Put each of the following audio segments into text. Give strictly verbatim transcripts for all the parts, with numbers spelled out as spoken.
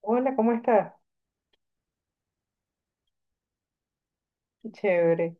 Hola, ¿cómo estás? Chévere.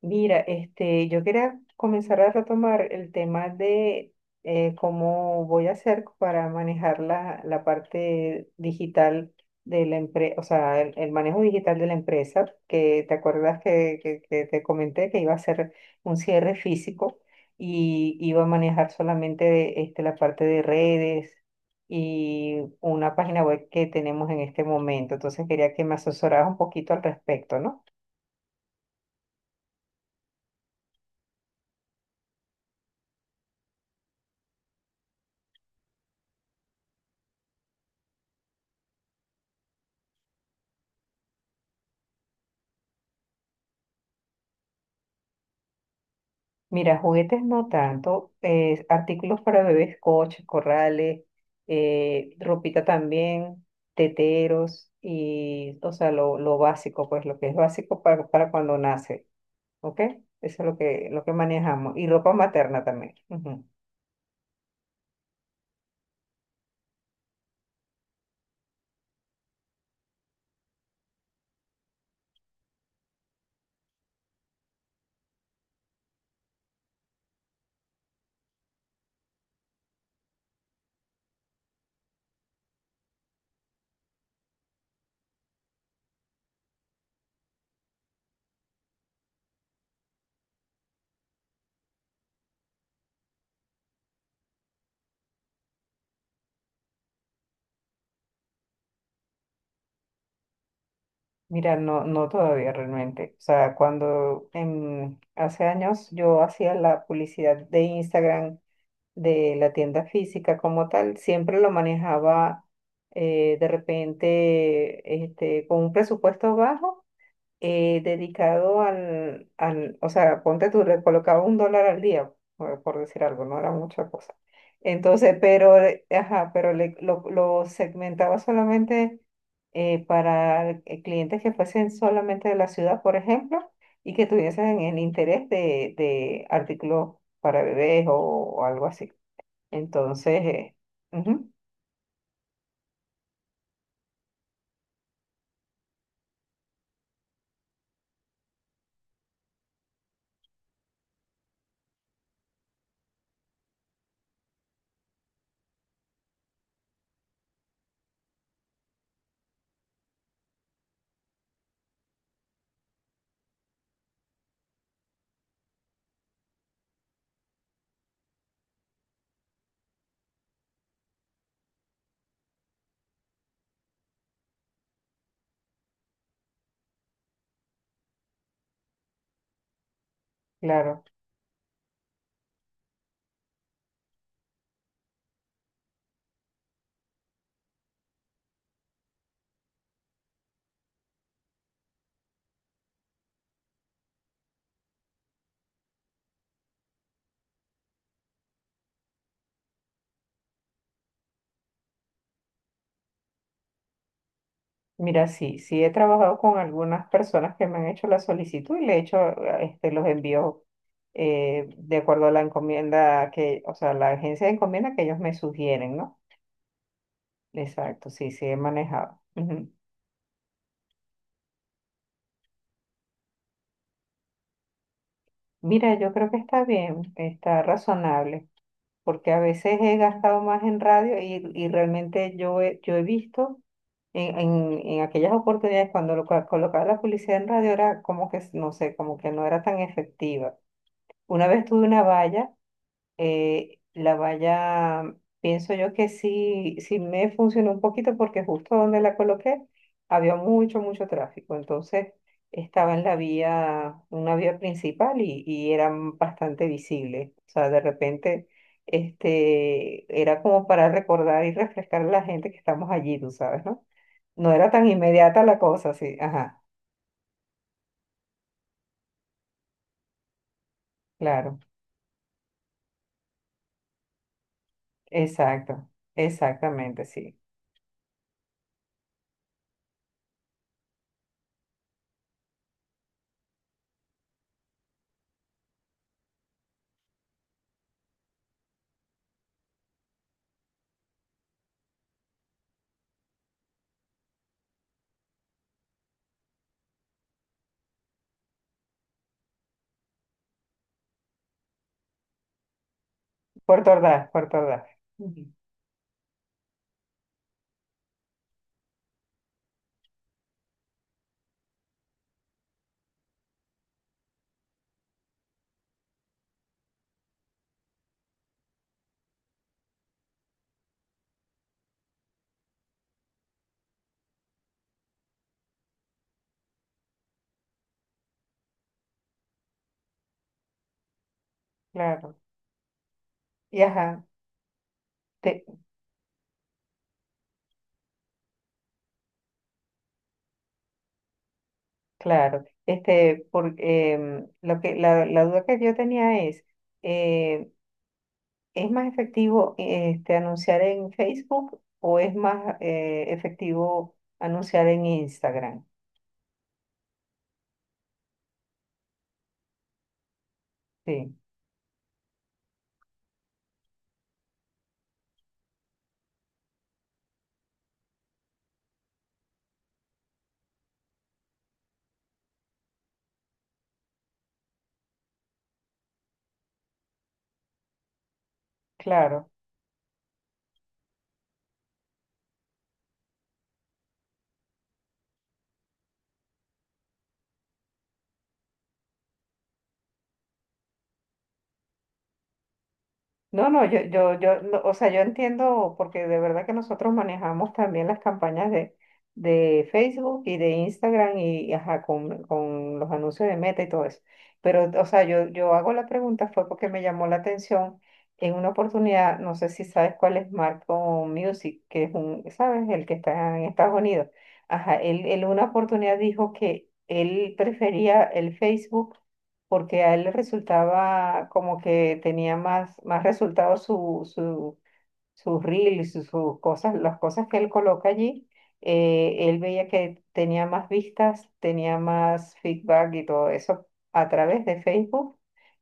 Mira, este, yo quería comenzar a retomar el tema de eh, cómo voy a hacer para manejar la, la parte digital de la empresa, o sea, el, el manejo digital de la empresa, que te acuerdas que, que- que te comenté que iba a hacer un cierre físico y iba a manejar solamente este, la parte de redes y una página web que tenemos en este momento. Entonces quería que me asesoraras un poquito al respecto, ¿no? Mira, juguetes no tanto, eh, artículos para bebés, coches, corrales, eh, ropita también, teteros y, o sea, lo, lo básico, pues lo que es básico para, para cuando nace, ¿ok? Eso es lo que, lo que manejamos. Y ropa materna también. Ujú. Mira, no, no todavía realmente. O sea, cuando en, hace años yo hacía la publicidad de Instagram de la tienda física como tal, siempre lo manejaba eh, de repente este, con un presupuesto bajo eh, dedicado al, al, o sea, ponte tú, le colocaba un dólar al día, por, por decir algo, no era mucha cosa. Entonces, pero, eh, ajá, pero le- lo, lo segmentaba solamente eh, para eh, clientes que fuesen solamente de la ciudad, por ejemplo, y que tuviesen el interés de, de artículos para bebés o o algo así. Entonces, eh, ujú, claro. Mira, sí, sí he trabajado con algunas personas que me han hecho la solicitud y le he hecho eh, este, los envíos eh, de acuerdo a la encomienda que, o sea, la agencia de encomienda que ellos me sugieren, ¿no? Exacto, sí, sí he manejado. Ujú. Mira, yo creo que está bien, está razonable, porque a veces he gastado más en radio y, y realmente yo he, yo he visto. En, en, en aquellas oportunidades, cuando lo cua- colocaba la publicidad en radio, era como que, no sé, como que no era tan efectiva. Una vez tuve una valla, eh, la valla, pienso yo que sí, sí me funcionó un poquito porque justo donde la coloqué había mucho, mucho tráfico. Entonces estaba en la vía, una vía principal y, y era bastante visible. O sea, de repente, este, era como para recordar y refrescar a la gente que estamos allí, tú sabes, ¿no? No era tan inmediata la cosa, sí. Ajá, claro. Exacto. Exactamente, sí. Por tardar, por tardar. Ujú. Claro. Y ajá, te- claro. Este, porque em, lo que, la, la duda que yo tenía es, eh, ¿es más efectivo este, anunciar en Facebook o es más eh, efectivo anunciar en Instagram? Sí, claro. No, no, yo, yo, yo, no, o sea, yo entiendo porque de verdad que nosotros manejamos también las campañas de, de Facebook y de Instagram y, y ajá, con, con los anuncios de Meta y todo eso. Pero, o sea, yo, yo hago la pregunta fue porque me llamó la atención en una oportunidad, no sé si sabes cuál es Marco Music, que es un, ¿sabes? El que está en Estados Unidos. Ajá, él él en una oportunidad dijo que él prefería el Facebook porque a él le resultaba como que tenía más, más resultados su, su, sus reels, sus, sus cosas, las cosas que él coloca allí. eh, él veía que tenía más vistas, tenía más feedback y todo eso a través de Facebook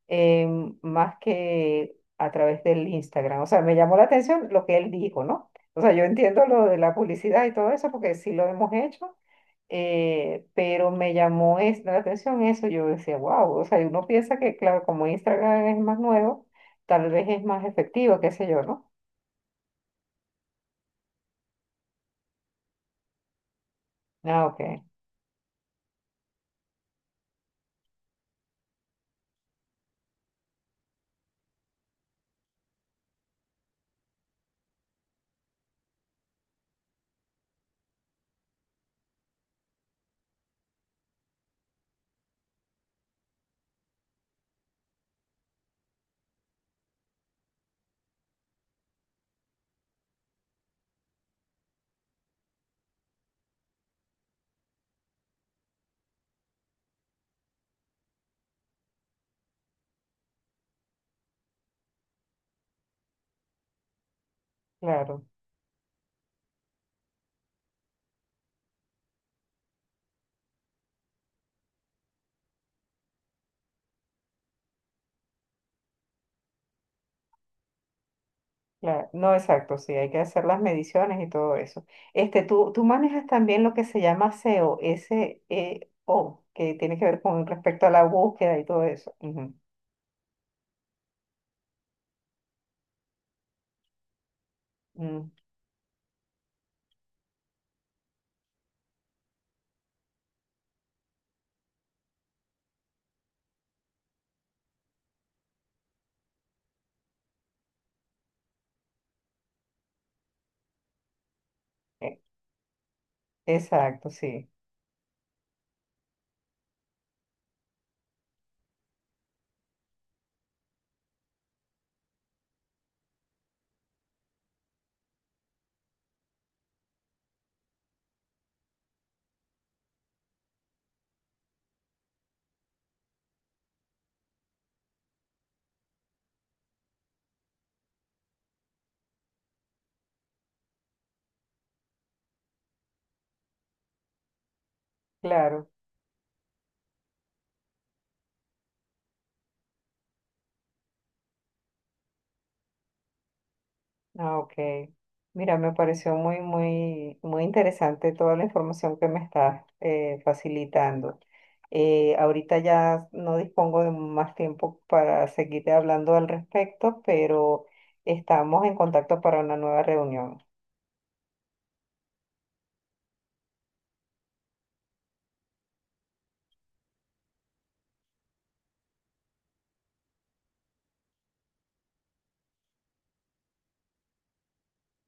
em, más que a través del Instagram. O sea, me llamó la atención lo que él dijo, ¿no? O sea, yo entiendo lo de la publicidad y todo eso porque sí lo hemos hecho, eh, pero me llamó es- la atención eso. Yo decía, wow, o sea, y uno piensa que, claro, como Instagram es más nuevo, tal vez es más efectivo, qué sé yo, ¿no? Ah, ok, claro. Claro, no, exacto, sí, hay que hacer las mediciones y todo eso. Este, tú, tú, manejas también lo que se llama SEO, S E O, que tiene que ver con respecto a la búsqueda y todo eso. Ujú, mm, e- exacto, sí, claro. Ah, ok. Mira, me pareció muy, muy, muy interesante toda la información que me estás eh, facilitando. Eh, ahorita ya no dispongo de más tiempo para seguirte hablando al respecto, pero estamos en contacto para una nueva reunión.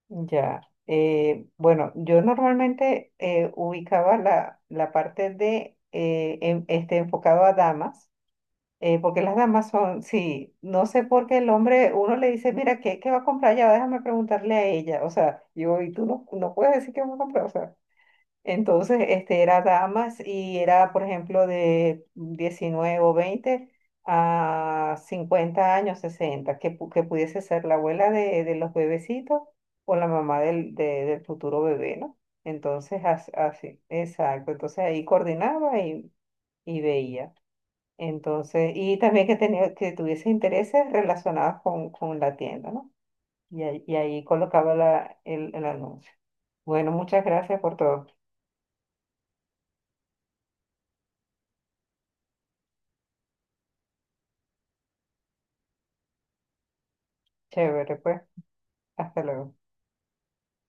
Ya. Eh, bueno, yo normalmente eh, ubicaba la, la parte de eh, en- este, enfocado a damas. Eh, porque las damas son, sí, no sé por qué el hombre, uno le dice, mira, ¿qué, qué va a comprar ya? Déjame preguntarle a ella. O sea, yo, y tú no, no puedes decir qué va a comprar. O sea, entonces, este, era damas y era, por ejemplo, de diecinueve o veinte a cincuenta años, sesenta que, pu- que pudiese ser la abuela de, de los bebecitos o la mamá del, de- del futuro bebé, ¿no? Entonces, as- así, exacto. Entonces ahí coordinaba y, y veía. Entonces, y también que, tenía, que tuviese intereses relacionados con, con la tienda, ¿no? Y ahí, y ahí colocaba la, el, el anuncio. Bueno, muchas gracias por todo. Chévere, pues. Hasta luego.